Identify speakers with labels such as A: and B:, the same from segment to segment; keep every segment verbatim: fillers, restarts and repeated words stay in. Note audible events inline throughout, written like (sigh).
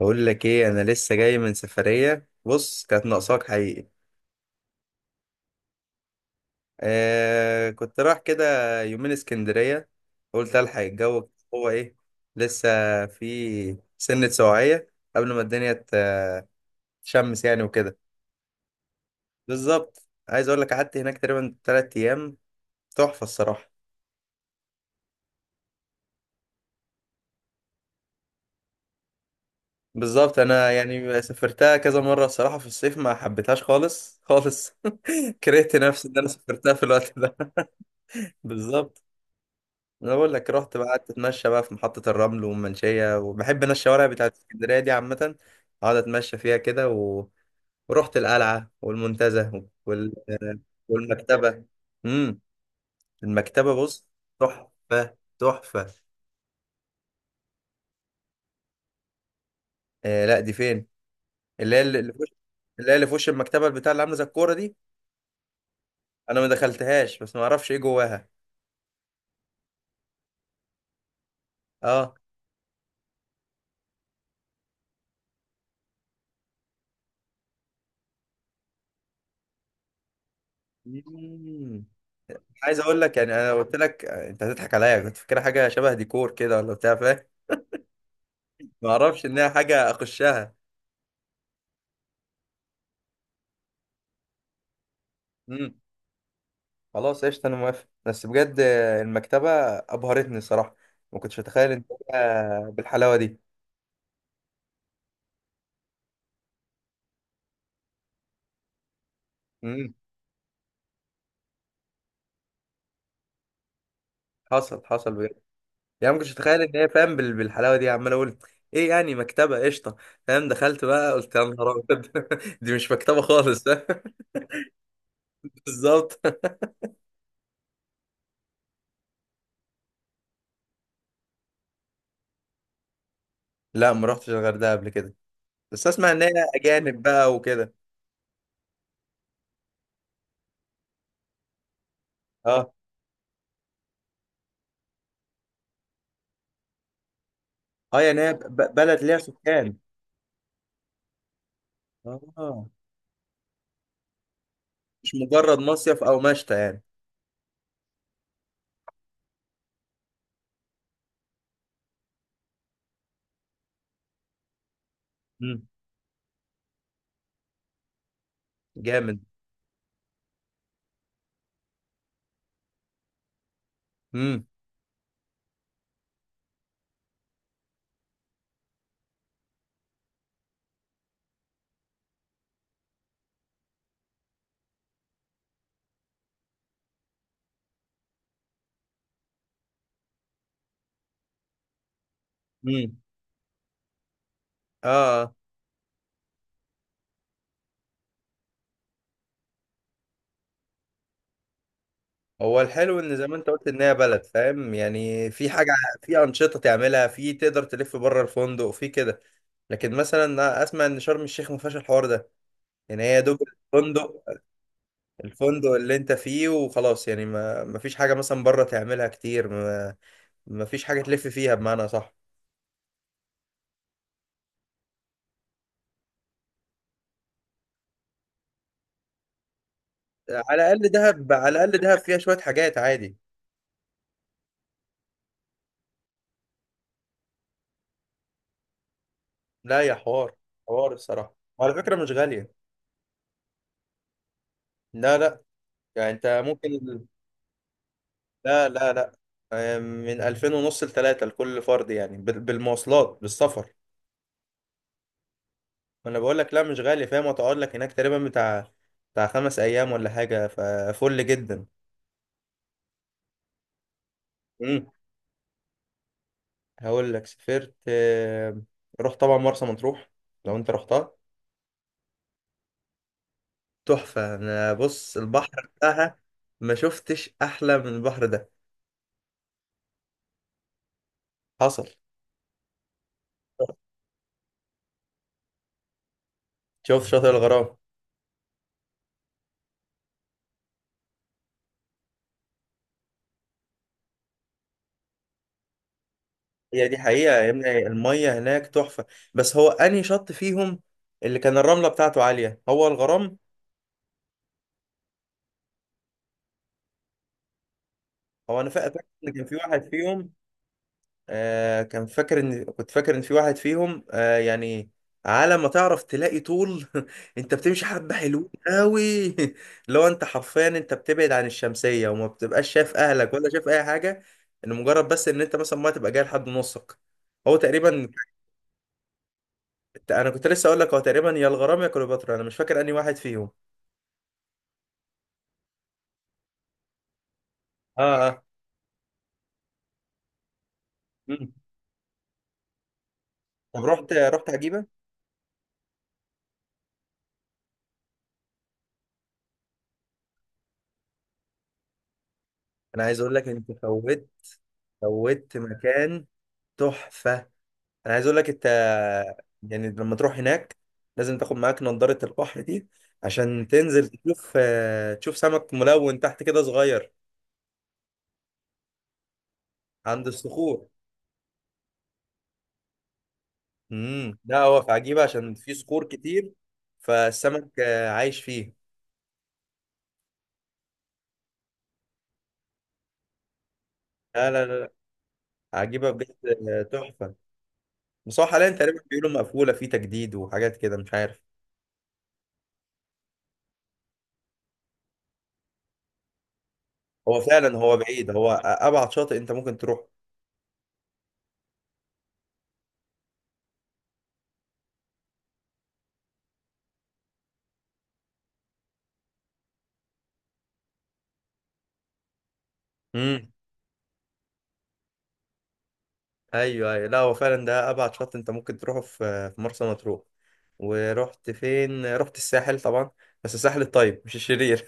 A: بقول لك ايه، انا لسه جاي من سفريه. بص، كانت ناقصاك حقيقي. آه كنت رايح كده يومين اسكندريه. قلت الحق الجو هو ايه. لسه في سنه سواعيه قبل ما الدنيا ت- تشمس يعني وكده. بالظبط، عايز اقول لك قعدت هناك تقريبا 3 ايام. تحفه الصراحه. بالظبط، انا يعني سافرتها كذا مره. الصراحه في الصيف ما حبيتهاش خالص خالص. (laughs) كرهت نفسي ان انا سافرتها في الوقت ده. (laughs) بالظبط. انا بقول لك رحت بقى قعدت اتمشى بقى في محطة الرمل والمنشية، وبحب انا الشوارع بتاعت اسكندرية دي عامة. اقعد اتمشى فيها كده و... ورحت القلعة والمنتزه وال... والمكتبة. امم المكتبة بص، تحفة تحفة. آه لا، دي فين؟ اللي هي اللي في وش اللي هي اللي في وش المكتبة البتاع، اللي عاملة زي الكورة دي. انا ما دخلتهاش، بس ما اعرفش ايه جواها. اه. مم. عايز اقول لك يعني انا لو قلت لك آه، انت هتضحك عليا. كنت فاكرها حاجة شبه ديكور كده ولا بتاع، فاهم؟ ما اعرفش ان هي حاجه اخشها. امم. خلاص قشطه، انا موافق بس بجد. المكتبه ابهرتني صراحه. ما كنتش اتخيل ان هي بالحلاوه دي. امم. حصل حصل بجد. يعني ما كنتش اتخيل ان هي، فاهم، بال- بالحلاوه دي. عمال اقول ايه يعني؟ مكتبه قشطه فاهم. دخلت بقى قلت يا نهار ابيض، (laughs) دي مش مكتبه خالص. (laughs) بالظبط. لا، ما رحتش الغردقه قبل كده، بس اسمع ان هي اجانب بقى وكده. اه اه، يعني هي ب- بلد ليها سكان. اه، مش مجرد مصيف او مشتى يعني. جامد. امم. امم. اه آه. هو الحلو ان زي ما انت قلت ان هي بلد، فاهم، يعني في حاجه. في انشطه تعملها، في تقدر تلف بره الفندق في كده. لكن مثلا أنا اسمع ان شرم الشيخ ما فيهاش الحوار ده. يعني هي يا دوب الفندق، الفندق اللي انت فيه وخلاص. يعني ما ما فيش حاجه مثلا بره تعملها كتير. ما ما فيش حاجه تلف فيها بمعنى صح. على الاقل دهب، على الاقل دهب فيها شويه حاجات عادي. لا يا حوار، حوار الصراحه وعلى فكره مش غاليه. لا لا، يعني انت ممكن. لا لا لا، آه، من ألفين ونص لتلاتة لكل فرد، يعني بال- بالمواصلات بالسفر. ما انا بقول لك لا، مش غالي فاهم. وتقعد لك هناك تقريبا بتاع، بتاع خمس ايام ولا حاجه. ففل جدا. امم. هقول لك سافرت آه، رحت طبعا مرسى مطروح. لو انت رحتها، تحفه. انا بص البحر بتاعها ما شفتش احلى من البحر ده. حصل. شوف شاطئ الغرام. هي دي حقيقة يا ابني، المية هناك تحفة. بس هو أنهي شط فيهم اللي كان الرملة بتاعته عالية؟ هو الغرام. هو أنا فا- فاكر إن كان في واحد فيهم، آه كان فاكر، إن كنت فاكر إن في واحد فيهم آه يعني، على ما تعرف تلاقي طول. (laughs) أنت بتمشي حبة حلوين أوي. (laughs) لو أنت حرفيا أنت بتبعد عن الشمسية، وما بتبقاش شايف أهلك ولا شايف أي حاجة. إن مجرد بس إن أنت مثلا ما تبقى جاي لحد نصك. هو تقريبا. أنا كنت لسه أقول لك، هو تقريبا يا الغرام يا كليوباترا، أنا مش فاكر أنهي واحد فيهم. اه اه. مم. طب رحت، رحت عجيبة؟ انا عايز اقول لك انت فوت، فوت مكان تحفة. انا عايز اقول لك انت، يعني لما تروح هناك لازم تاخد معاك نضارة البحر دي، عشان تنزل تشوف آه، تشوف سمك ملون تحت كده صغير. عند الصخور. امم لا، هو في عجيبة عشان في صخور كتير، فالسمك آه، عايش فيه. لا لا لا لا. عجيبة بجد. آه، تحفة. بس هو حاليا تقريبا بيقولوا مقفولة في تجديد وحاجات كده، مش عارف. هو فعلا هو بعيد. هو ابعد شاطئ انت ممكن تروح. امم. ايوه ايوه، لا هو فعلا ده ابعد شاطئ انت ممكن تروحه في في مرسى مطروح. ورحت فين؟ رحت الساحل طبعا، بس الساحل الطيب مش الشرير.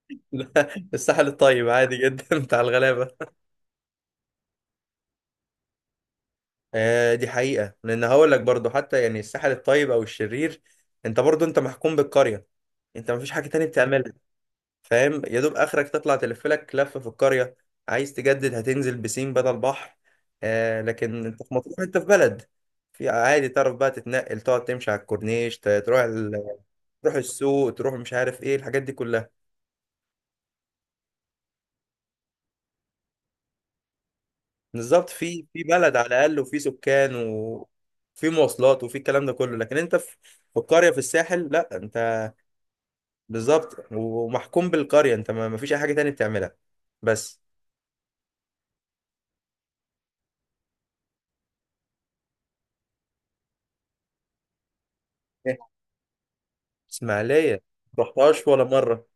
A: (laughs) لا، الساحل الطيب عادي جدا. (laughs) بتاع الغلابه. آه دي حقيقه، لان هقول لك برضو، حتى يعني الساحل الطيب او الشرير، انت برضو انت محكوم بالقريه. انت مفيش حاجه تانية بتعملها، فاهم. يا دوب اخرك تطلع تلف لك لفه في القريه. عايز تجدد هتنزل بسين بدل بحر. آه لكن انت في مطروح انت في بلد، في عادي تعرف بقى تتنقل، تقعد تمشي على الكورنيش، ت- تروح ال... تروح السوق، تروح مش عارف ايه الحاجات دي كلها. بالظبط، في في بلد على الاقل، وفي سكان، وفي مواصلات، وفي الكلام ده كله. لكن انت في، في القريه في الساحل، لا انت، بالظبط، ومحكوم بالقريه، انت ما ما فيش اي حاجه تانية بتعملها بس. إيه. اسماعيليه؟ ما رحتهاش ولا مره.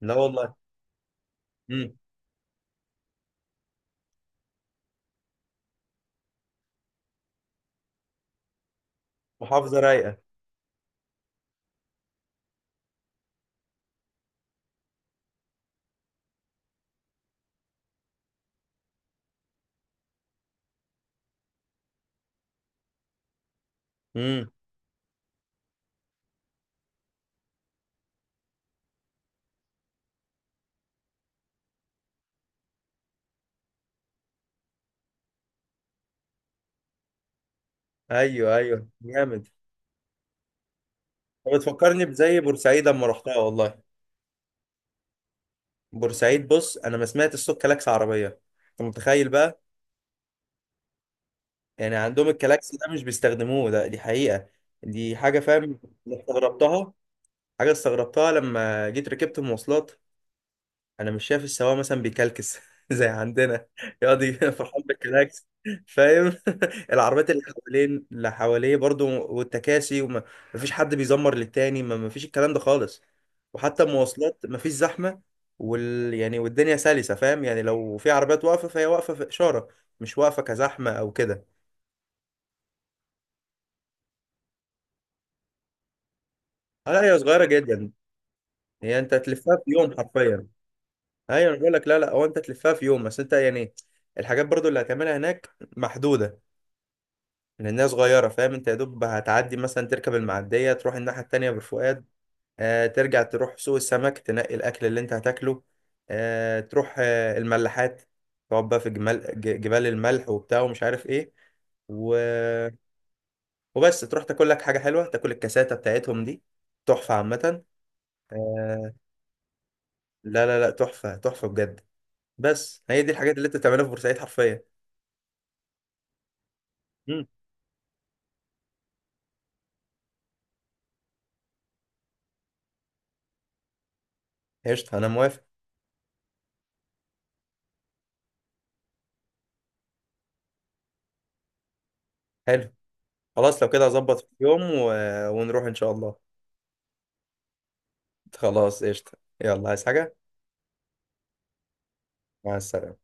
A: لا والله. امم. محافظة رايقة. امم. ايوه ايوه جامد. طب بتفكرني بزي بورسعيد، اما رحتها والله. بورسعيد بص، انا ما سمعت صوت كلاكس عربية، انت متخيل بقى؟ يعني عندهم الكلاكس ده مش بيستخدموه. ده دي حقيقة. دي حاجة، فاهم، استغربتها. حاجة استغربتها لما جيت ركبت مواصلات، انا مش شايف السواق مثلا بيكلكس (laughs) زي عندنا، يقعد ي- فرحان بالكلاكس، فاهم. (laughs) العربيات اللي حوالين، اللي حواليه برضو، والتكاسي، وما مفيش حد بيزمر للتاني. ما مفيش الكلام ده خالص. وحتى المواصلات مفيش زحمة. وال، يعني والدنيا سلسة، فاهم يعني، لو في عربيات واقفة فهي واقفة في إشارة، مش واقفة كزحمة أو كده. آه، لا هي صغيرة جدا. هي أنت تلفها في يوم حرفيا. أيوة أنا بقول لك، لا لا، هو أنت تلفها في يوم بس أنت يعني الحاجات برضو اللي هتعملها هناك محدودة، لأنها صغيرة، فاهم. أنت يا دوب هتعدي مثلا تركب المعدية، تروح الناحية التانية بالفؤاد، آه ترجع تروح سوق السمك تنقي الأكل اللي أنت هتاكله، آه تروح آه الملاحات، تقعد بقى في جمال ج- جبال الملح وبتاع ومش عارف إيه و... وبس تروح تاكل لك حاجة حلوة، تاكل الكاساتة بتاعتهم دي، تحفة عامة. آه... لا لا لا، تحفة تحفة بجد. بس هي دي الحاجات اللي انت بتعملها في بورسعيد حرفيا. مم. قشطة أنا موافق. حلو. خلاص لو كده هظبط في يوم و... ونروح إن شاء الله. خلاص قشطة. يلا، عايز حاجة؟ مع السلامة.